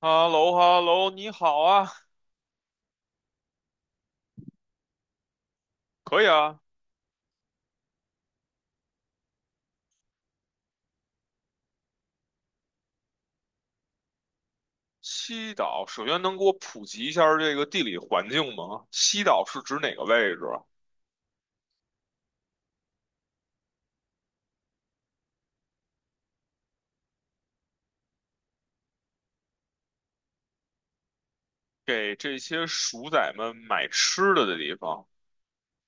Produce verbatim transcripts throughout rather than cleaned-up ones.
哈喽哈喽，你好啊。可以啊。西岛，首先能给我普及一下这个地理环境吗？西岛是指哪个位置啊？给这些鼠仔们买吃的的地方。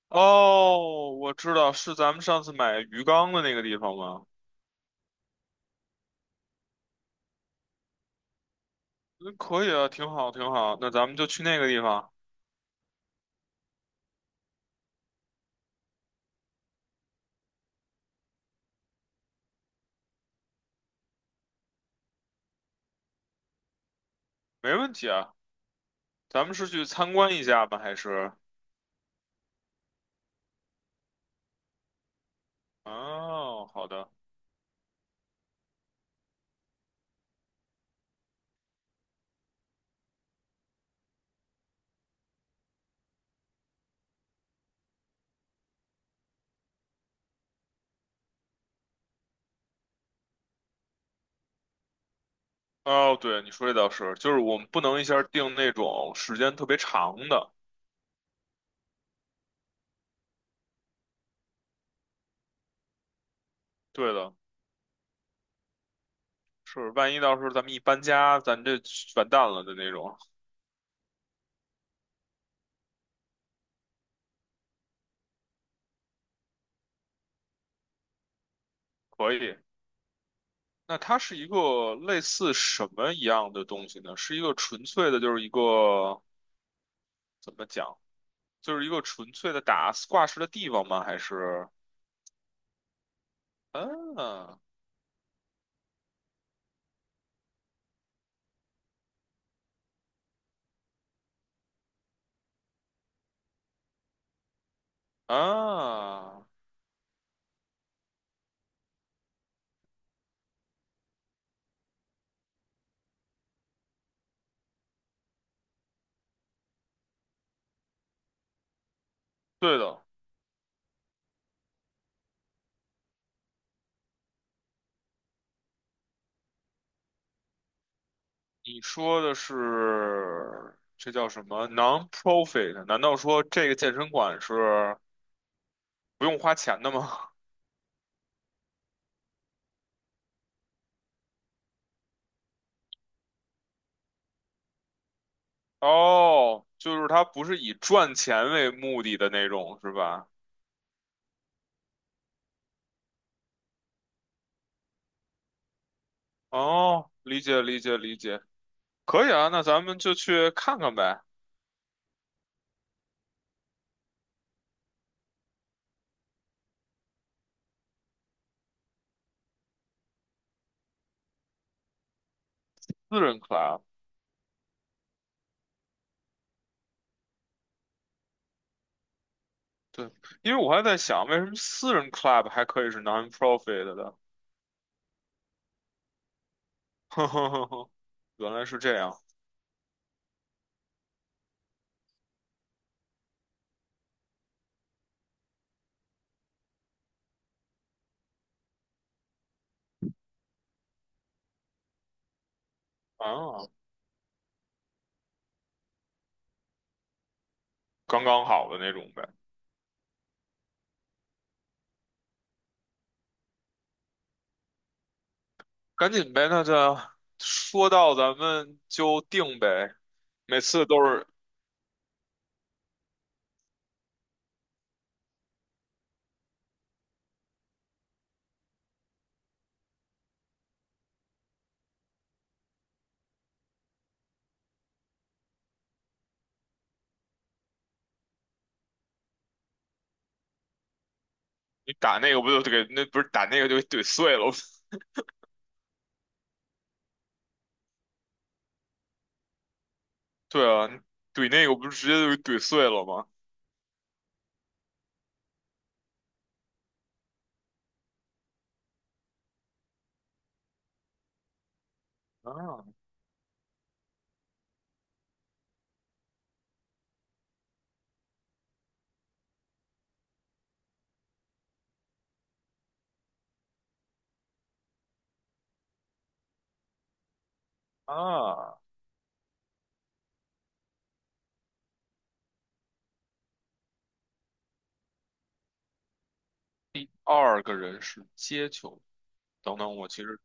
哦，我知道，是咱们上次买鱼缸的那个地方吗？嗯，可以啊，挺好，挺好。那咱们就去那个地方。没问题啊。咱们是去参观一下吗？还是？哦，好的。哦，对，你说这倒是，就是我们不能一下定那种时间特别长的。对的。是，万一到时候咱们一搬家，咱这完蛋了的那种。可以。那它是一个类似什么一样的东西呢？是一个纯粹的，就是一个怎么讲，就是一个纯粹的打挂饰的地方吗？还是？啊啊，对的，你说的是这叫什么 non-profit？难道说这个健身馆是不用花钱的吗？哦，就是它不是以赚钱为目的的那种，是吧？哦，理解理解理解。可以啊，那咱们就去看看呗。私人 club。对，因为我还在想，为什么私人 club 还可以是 non-profit 的？呵呵呵呵，原来是这样啊。刚刚好的那种呗。赶紧呗，那就说到咱们就定呗。每次都是你打那个，不就给那不是打那个就给怼碎了？对啊，你怼那个不是直接就给怼碎了吗？啊啊！第二个人是接球。等等，我其实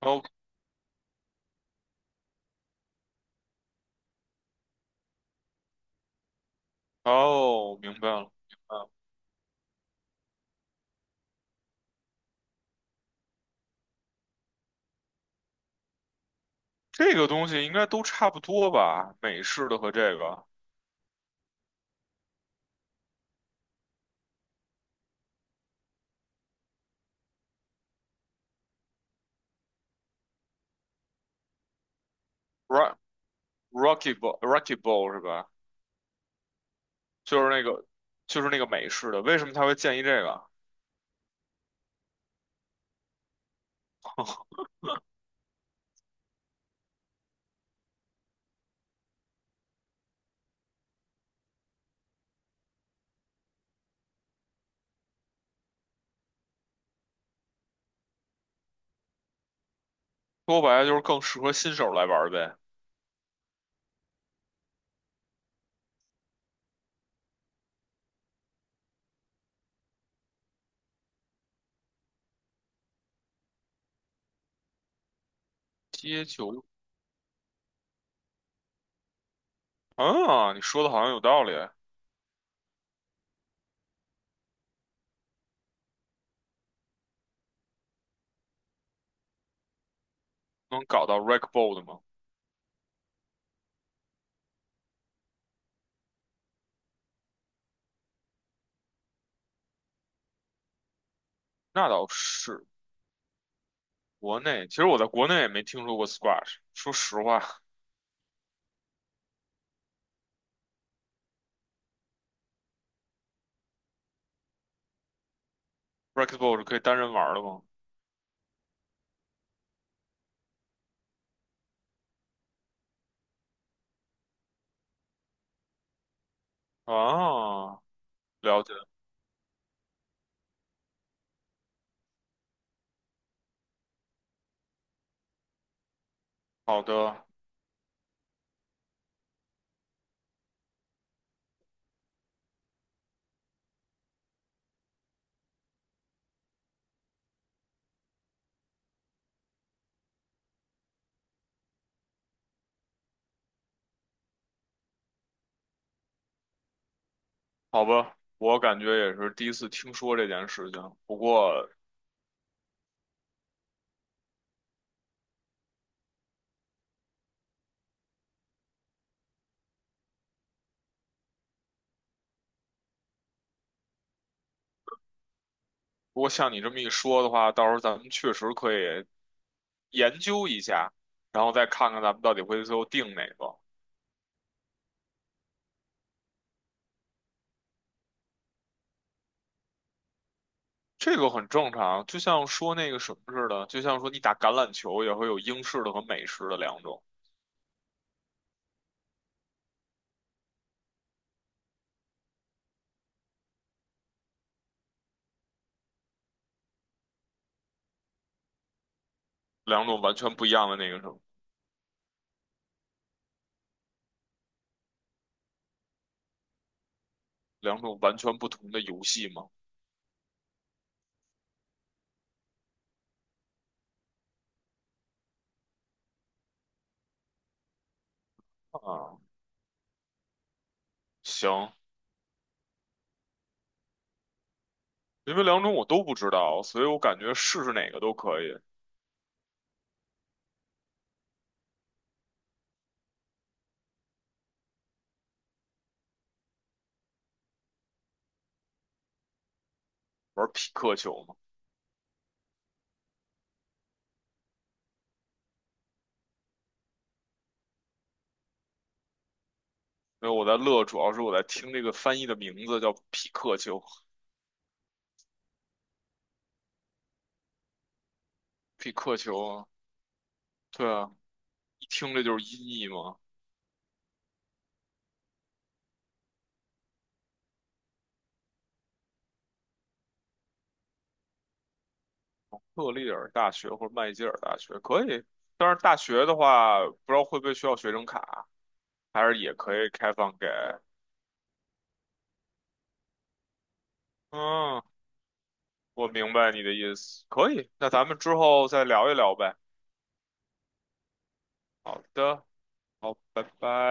哦。哦，明白了，明白了。这个东西应该都差不多吧？美式的和这个 Rock Rocky Ball Rocky Ball 是吧？就是那个就是那个美式的，为什么他会建议这个？说白了就是更适合新手来玩儿呗。接球啊，你说的好像有道理。能搞到 r a k Ball 的吗？那倒是。国内其实我在国内也没听说过 Squash。说实话 r a k Ball 是可以单人玩的吗？啊，了解，好的。好吧，我感觉也是第一次听说这件事情。不过，不过像你这么一说的话，到时候咱们确实可以研究一下，然后再看看咱们到底会最后定哪个。这个很正常，就像说那个什么似的，就像说你打橄榄球也会有英式的和美式的两种。两种完全不一样的那个什么。两种完全不同的游戏嘛。啊，行。因为两种我都不知道，所以我感觉试试哪个都可以。玩匹克球嘛。因为我在乐，主要是我在听这个翻译的名字叫匹克球。匹克球啊，对啊，一听这就是音译嘛。赫利尔大学或者麦吉尔大学可以，但是大学的话，不知道会不会需要学生卡，还是也可以开放给。嗯，我明白你的意思，可以。那咱们之后再聊一聊呗。好的，好，拜拜。